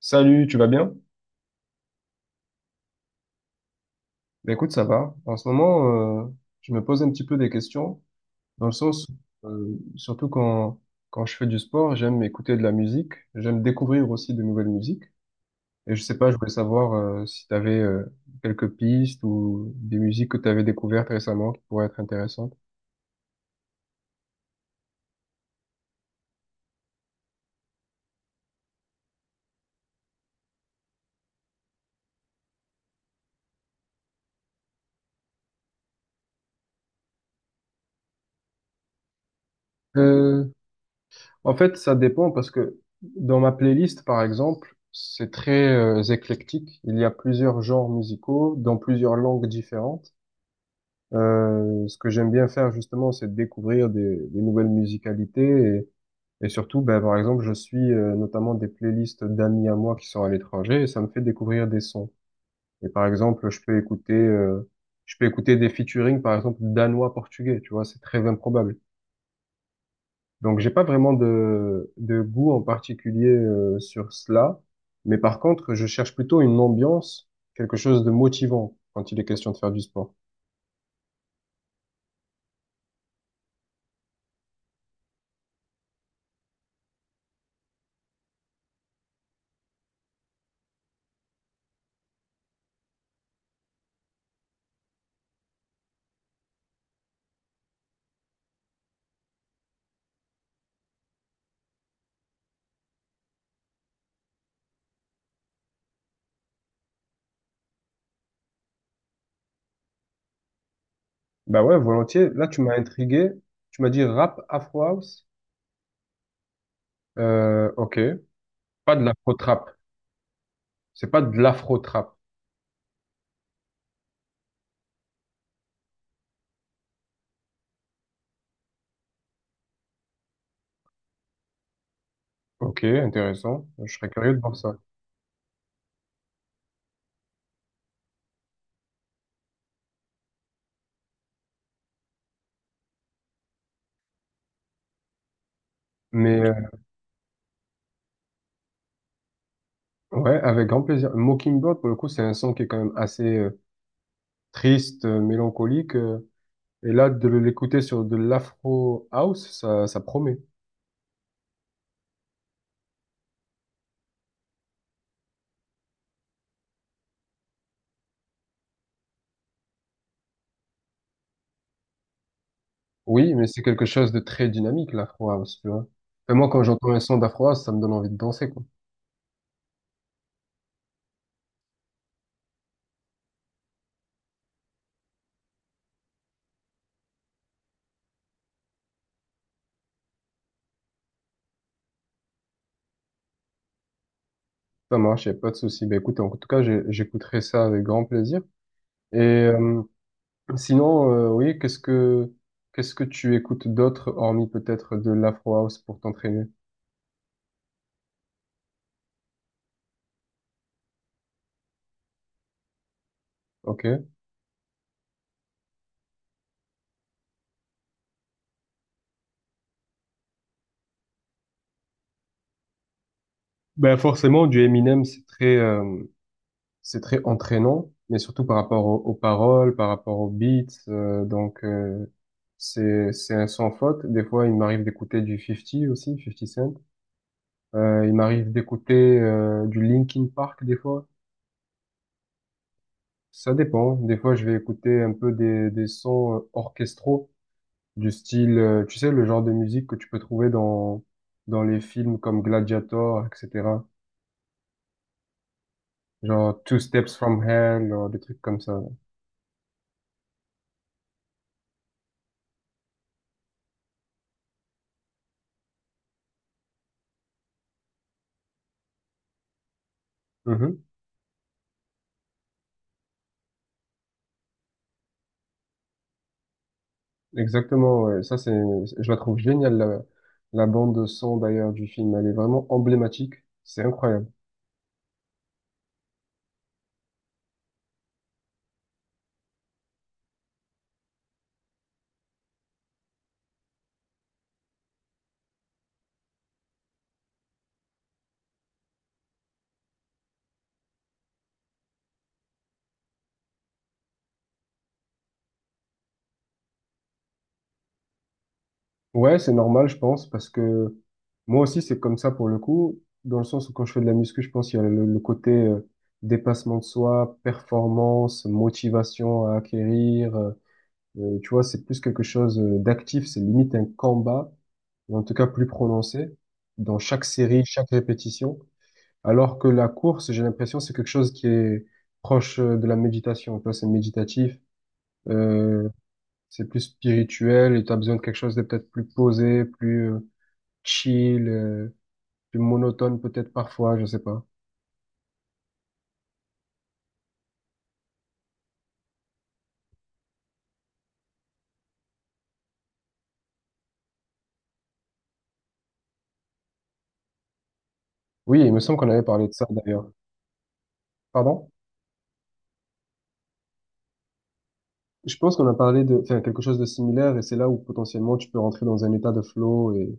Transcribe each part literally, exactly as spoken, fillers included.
Salut, tu vas bien? Ben écoute, ça va. En ce moment, euh, je me pose un petit peu des questions, dans le sens, euh, surtout quand, quand je fais du sport, j'aime écouter de la musique, j'aime découvrir aussi de nouvelles musiques. Et je sais pas, je voulais savoir euh, si tu avais quelques pistes ou des musiques que tu avais découvertes récemment qui pourraient être intéressantes. Euh, En fait, ça dépend parce que dans ma playlist, par exemple, c'est très euh, éclectique. Il y a plusieurs genres musicaux dans plusieurs langues différentes. Euh, ce que j'aime bien faire justement, c'est de découvrir des, des nouvelles musicalités et, et surtout, ben, par exemple, je suis euh, notamment des playlists d'amis à moi qui sont à l'étranger et ça me fait découvrir des sons. Et par exemple, je peux écouter, euh, je peux écouter des featuring, par exemple, danois-portugais, tu vois, c'est très improbable. Donc, j'ai pas vraiment de, de goût en particulier euh, sur cela, mais par contre, je cherche plutôt une ambiance, quelque chose de motivant quand il est question de faire du sport. Bah ouais, volontiers. Là, tu m'as intrigué. Tu m'as dit rap Afro House. Euh, ok. Pas de l'afro trap. C'est pas de l'afro trap. Ok, intéressant. Je serais curieux de voir ça. Mais euh, ouais, avec grand plaisir. Mockingbird, pour le coup, c'est un son qui est quand même assez euh, triste, euh, mélancolique. Euh, et là, de l'écouter sur de l'afro house, ça, ça promet. Oui, mais c'est quelque chose de très dynamique, l'afro house, tu vois. Et moi, quand j'entends un son d'afro house, ça me donne envie de danser, quoi. Ça marche, y a pas de souci. Bah écoute, en tout cas, j'ai- j'écouterai ça avec grand plaisir. Et euh, sinon, euh, oui, qu'est-ce que qu'est-ce que tu écoutes d'autre, hormis peut-être de l'Afro House pour t'entraîner? Ok. Ben forcément, du Eminem, c'est très euh, c'est très entraînant, mais surtout par rapport au- aux paroles, par rapport aux beats. euh, donc euh, c'est c'est un sans faute. Des fois, il m'arrive d'écouter du cinquante aussi, cinquante Cent. Euh, il m'arrive d'écouter euh, du Linkin Park des fois. Ça dépend. Des fois, je vais écouter un peu des des sons euh, orchestraux du style, euh, tu sais, le genre de musique que tu peux trouver dans, dans les films comme Gladiator, et cetera. Genre Two Steps from Hell, genre des trucs comme ça. Mhm. Exactement, ouais. Ça, c'est, je la trouve géniale, la, la bande son d'ailleurs du film. Elle est vraiment emblématique. C'est incroyable. Ouais, c'est normal, je pense, parce que moi aussi, c'est comme ça pour le coup, dans le sens où quand je fais de la muscu, je pense qu'il y a le, le côté euh, dépassement de soi, performance, motivation à acquérir, euh, Euh, tu vois, c'est plus quelque chose euh, d'actif, c'est limite un combat, ou en tout cas plus prononcé, dans chaque série, chaque répétition. Alors que la course, j'ai l'impression, c'est quelque chose qui est proche euh, de la méditation. Tu vois, c'est méditatif, euh, c'est plus spirituel, et tu as besoin de quelque chose de peut-être plus posé, plus euh, chill, euh, plus monotone peut-être parfois, je sais pas. Oui, il me semble qu'on avait parlé de ça d'ailleurs. Pardon? Je pense qu'on a parlé de enfin, quelque chose de similaire et c'est là où potentiellement tu peux rentrer dans un état de flow et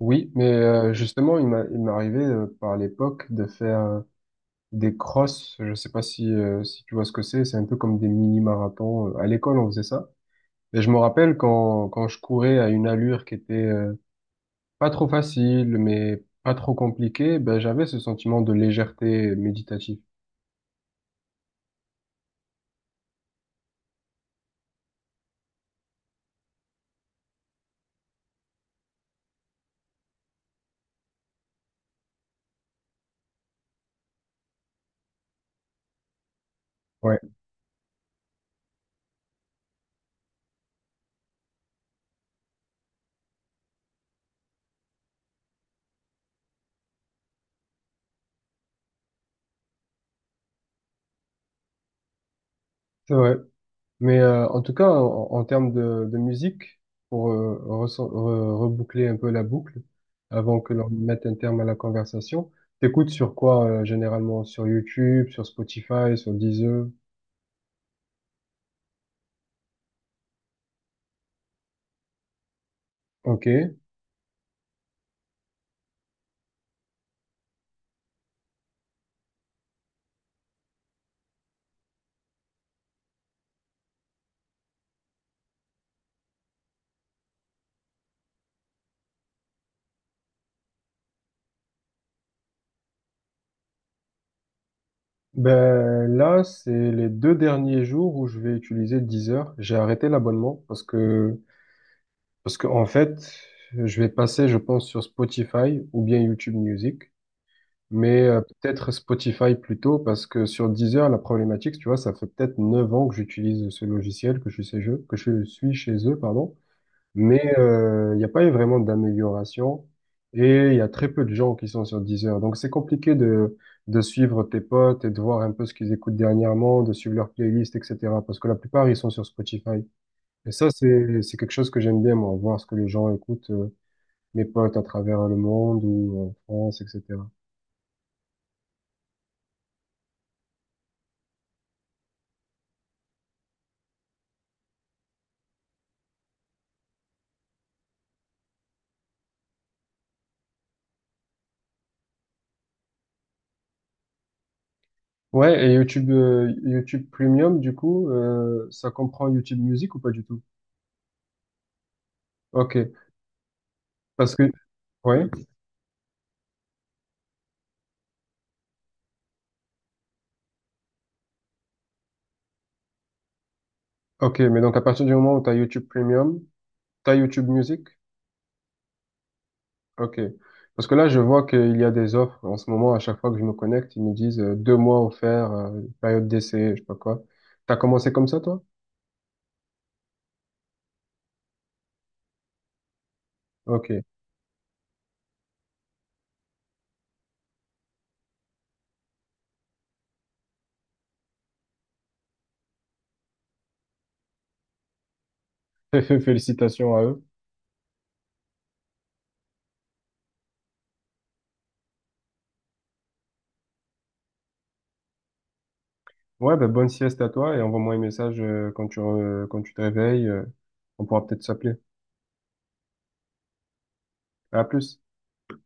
oui, mais euh, justement il m'a il m'est arrivé euh, par l'époque de faire euh, des crosses. Je sais pas si euh, si tu vois ce que c'est. C'est un peu comme des mini-marathons. Euh, À l'école on faisait ça. Et je me rappelle quand quand je courais à une allure qui était euh, pas trop facile mais pas trop compliquée, ben j'avais ce sentiment de légèreté méditative. Ouais, c'est vrai. Mais euh, en tout cas, en, en termes de, de musique, pour euh, reso- re- reboucler un peu la boucle, avant que l'on mette un terme à la conversation, t'écoutes sur quoi euh, généralement? Sur YouTube, sur Spotify, sur Deezer? Ok. Ben là, c'est les deux derniers jours où je vais utiliser Deezer. J'ai arrêté l'abonnement parce que parce que en fait, je vais passer, je pense, sur Spotify ou bien YouTube Music. Mais euh, peut-être Spotify plutôt, parce que sur Deezer, la problématique, tu vois, ça fait peut-être neuf ans que j'utilise ce logiciel, que je suis chez eux, que je suis chez eux, pardon. Mais euh, il n'y a pas eu vraiment d'amélioration et il y a très peu de gens qui sont sur Deezer. Donc c'est compliqué de, de suivre tes potes et de voir un peu ce qu'ils écoutent dernièrement, de suivre leur playlist, et cetera. Parce que la plupart, ils sont sur Spotify. Et ça, c'est, c'est quelque chose que j'aime bien, moi, voir ce que les gens écoutent, euh, mes potes à travers le monde ou en France, et cetera. Ouais, et YouTube, euh, YouTube Premium, du coup, euh, ça comprend YouTube Music ou pas du tout? Ok, parce que, ouais, ok, mais donc à partir du moment où tu as YouTube Premium, tu as YouTube Music? Ok, parce que là, je vois qu'il y a des offres en ce moment, à chaque fois que je me connecte, ils me disent euh, deux mois offerts, euh, période d'essai, je sais pas quoi. T'as commencé comme ça, toi? Ok, félicitations à eux. Ouais, ben bonne sieste à toi et envoie-moi un message euh, quand tu, re- quand tu te réveilles, euh, on pourra peut-être s'appeler. À plus.